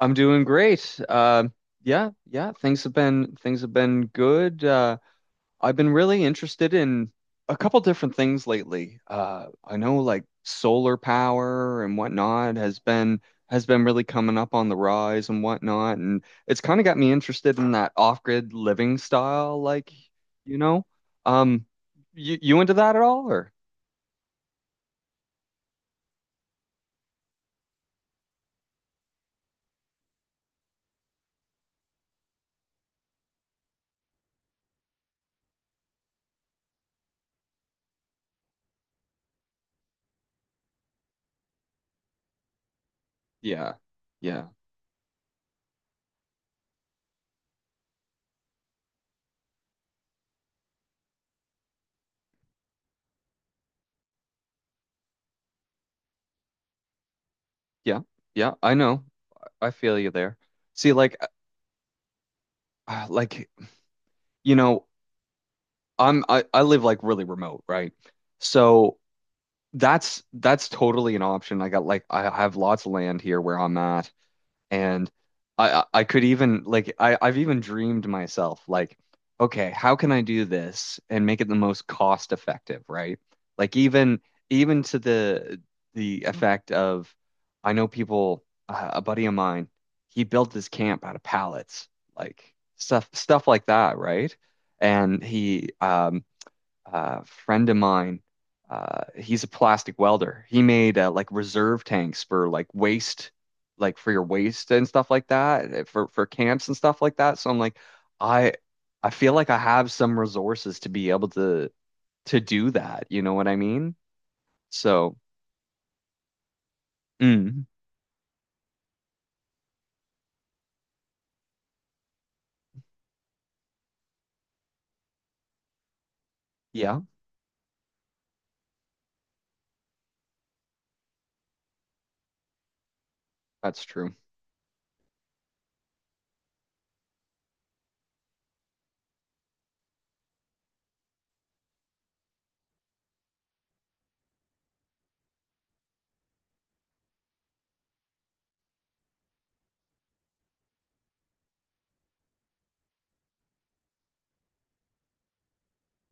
I'm doing great. Yeah, yeah, things have been good. I've been really interested in a couple different things lately. I know like solar power and whatnot has been really coming up on the rise and whatnot, and it's kind of got me interested in that off-grid living style, like, you know. Um, you into that at all or? Yeah. Yeah. Yeah. Yeah, I know. I feel you there. See, like you know I live like really remote, right? So that's totally an option. I got like I have lots of land here where I'm at, and I could even like I've even dreamed myself like, okay, how can I do this and make it the most cost effective, right? Like even to the effect of I know people a buddy of mine, he built this camp out of pallets, like stuff like that, right? And he friend of mine. He's a plastic welder. He made like reserve tanks for like waste, like for your waste and stuff like that, for camps and stuff like that. So I'm like, I I feel like I have some resources to be able to do that. You know what I mean? So, mm, yeah, that's true.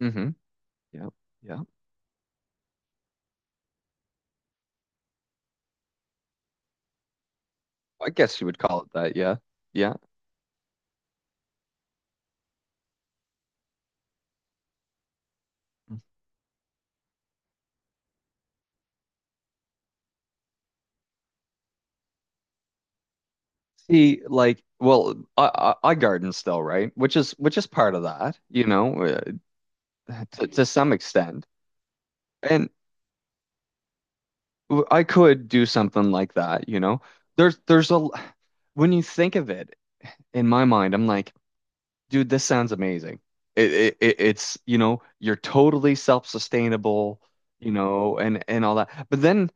Hmm. Yeah, yeah. I guess you would call it that. Yeah, yeah. See, like, well, I garden still, right? Which is part of that. To some extent. And I could do something like that. There's when you think of it in my mind, I'm like, dude, this sounds amazing. It's, you're totally self-sustainable, and all that. But then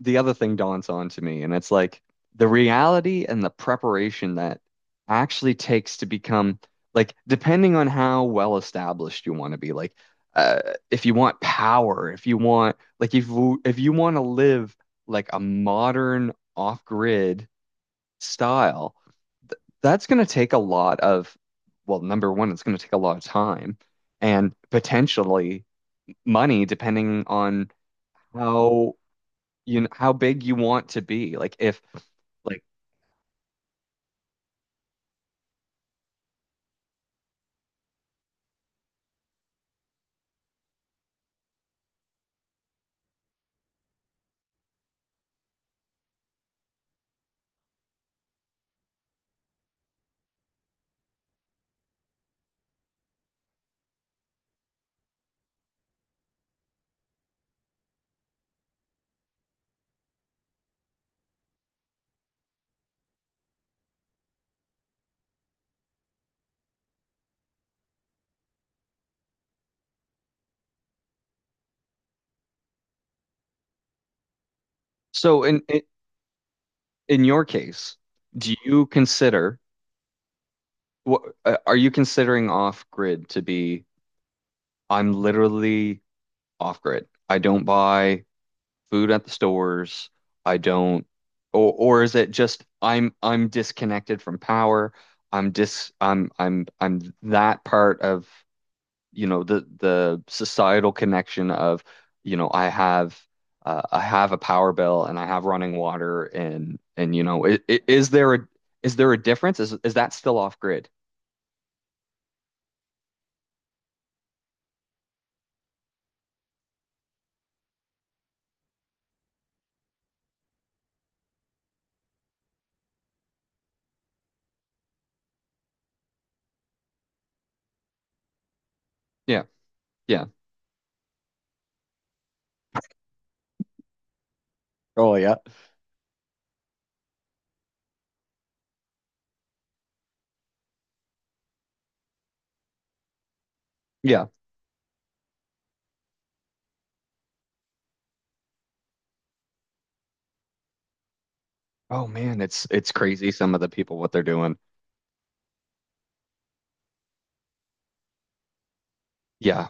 the other thing dawns on to me, and it's like the reality and the preparation that actually takes to become like depending on how well established you want to be, like uh, if you want power, if you want like if you want to live like a modern off-grid style, th that's going to take a lot of well, number one, it's going to take a lot of time and potentially money, depending on how how big you want to be. Like if like so in your case, do you consider what are you considering off grid to be? I'm literally off grid. I don't buy food at the stores. I don't. Or is it just I'm disconnected from power? I'm dis I'm that part of the societal connection of you know I have I have a power bill and I have running water, and is there a difference? Is that still off grid? Yeah, yeah. Oh yeah. Yeah. Oh man, it's crazy some of the people what they're doing. Yeah.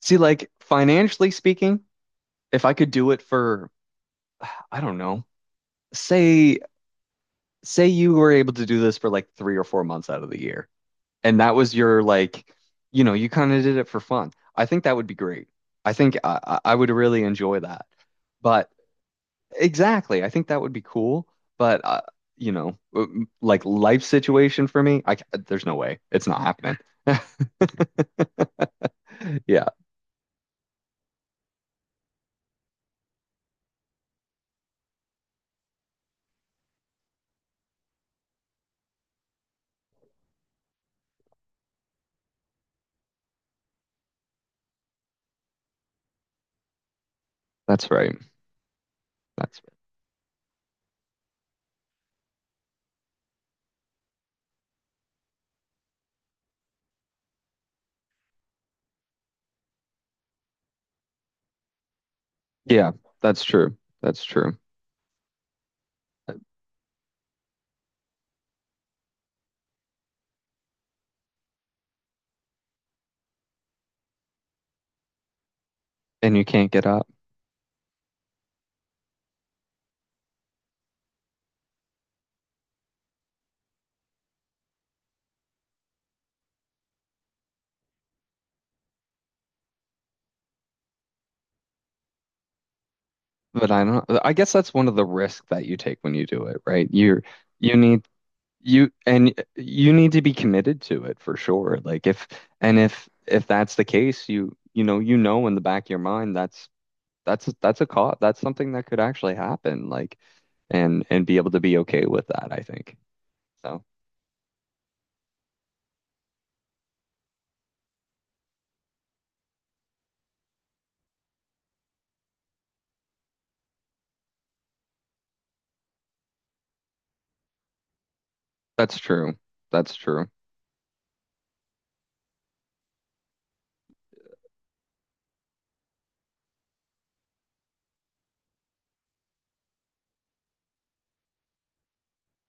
See, like financially speaking, if I could do it for I don't know, say say you were able to do this for like 3 or 4 months out of the year and that was your like, you kind of did it for fun. I think that would be great. I think I would really enjoy that. But exactly, I think that would be cool. But like life situation for me, there's no way it's not happening. Yeah, that's right. That's yeah, that's true. That's true. And you can't get up. But I don't. I guess that's one of the risks that you take when you do it, right? You're you need You and you need to be committed to it for sure. Like if and if if that's the case, you know in the back of your mind that's a cause, that's something that could actually happen. Like and be able to be okay with that, I think. So that's true. That's true.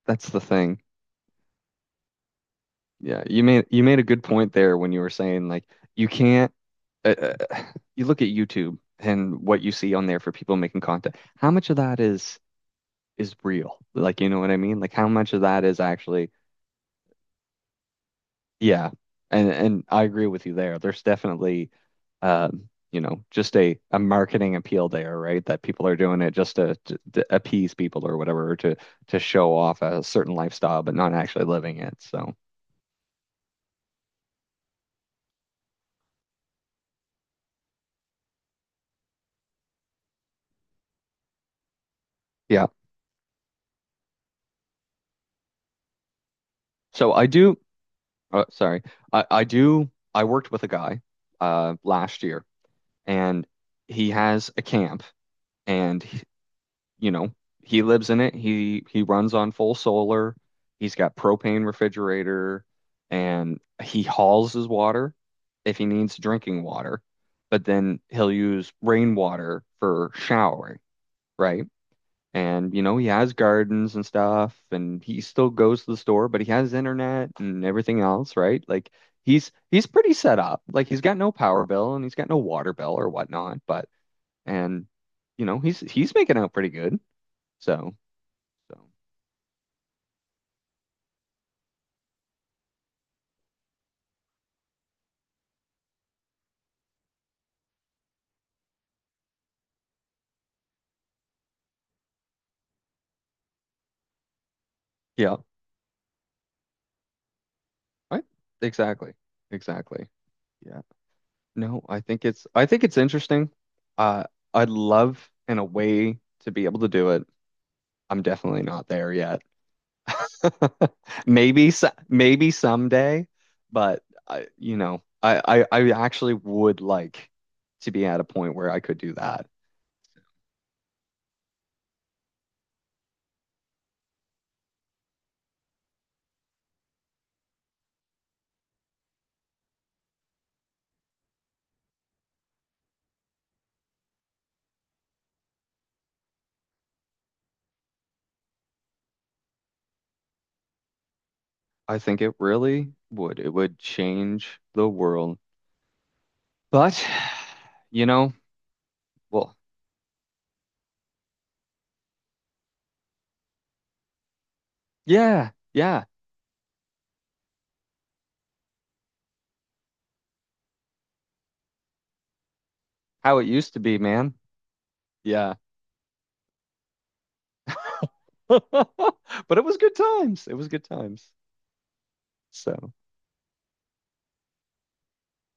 That's the thing. Yeah, you made a good point there when you were saying like you can't uh, uh, you look at YouTube and what you see on there for people making content. How much of that is real. Like, you know what I mean? Like how much of that is actually, yeah. And I agree with you there. There's definitely just a marketing appeal there, right? That people are doing it just to appease people or whatever, or to show off a certain lifestyle, but not actually living it. So, yeah. So I do, oh, sorry. I worked with a guy last year and he has a camp and you know, he lives in it. He runs on full solar. He's got propane refrigerator and he hauls his water if he needs drinking water, but then he'll use rainwater for showering, right? And he has gardens and stuff and he still goes to the store, but he has internet and everything else, right? Like he's pretty set up. Like he's got no power bill and he's got no water bill or whatnot, but and he's making out pretty good. So so yeah. I Exactly. Exactly. Yeah, no, I think it's interesting. Uh, I'd love in a way to be able to do it. I'm definitely not there yet. Maybe so, maybe someday, but I, you know, I actually would like to be at a point where I could do that. I think it really would. It would change the world. But you know, well, yeah, yeah, how it used to be, man. Yeah. But it was good times. It was good times. So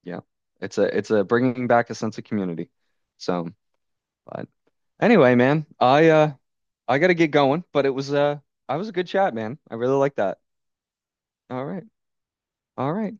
yeah, it's a bringing back a sense of community. So, but anyway, man, I gotta get going. But it was I was a good chat, man. I really like that. All right, all right.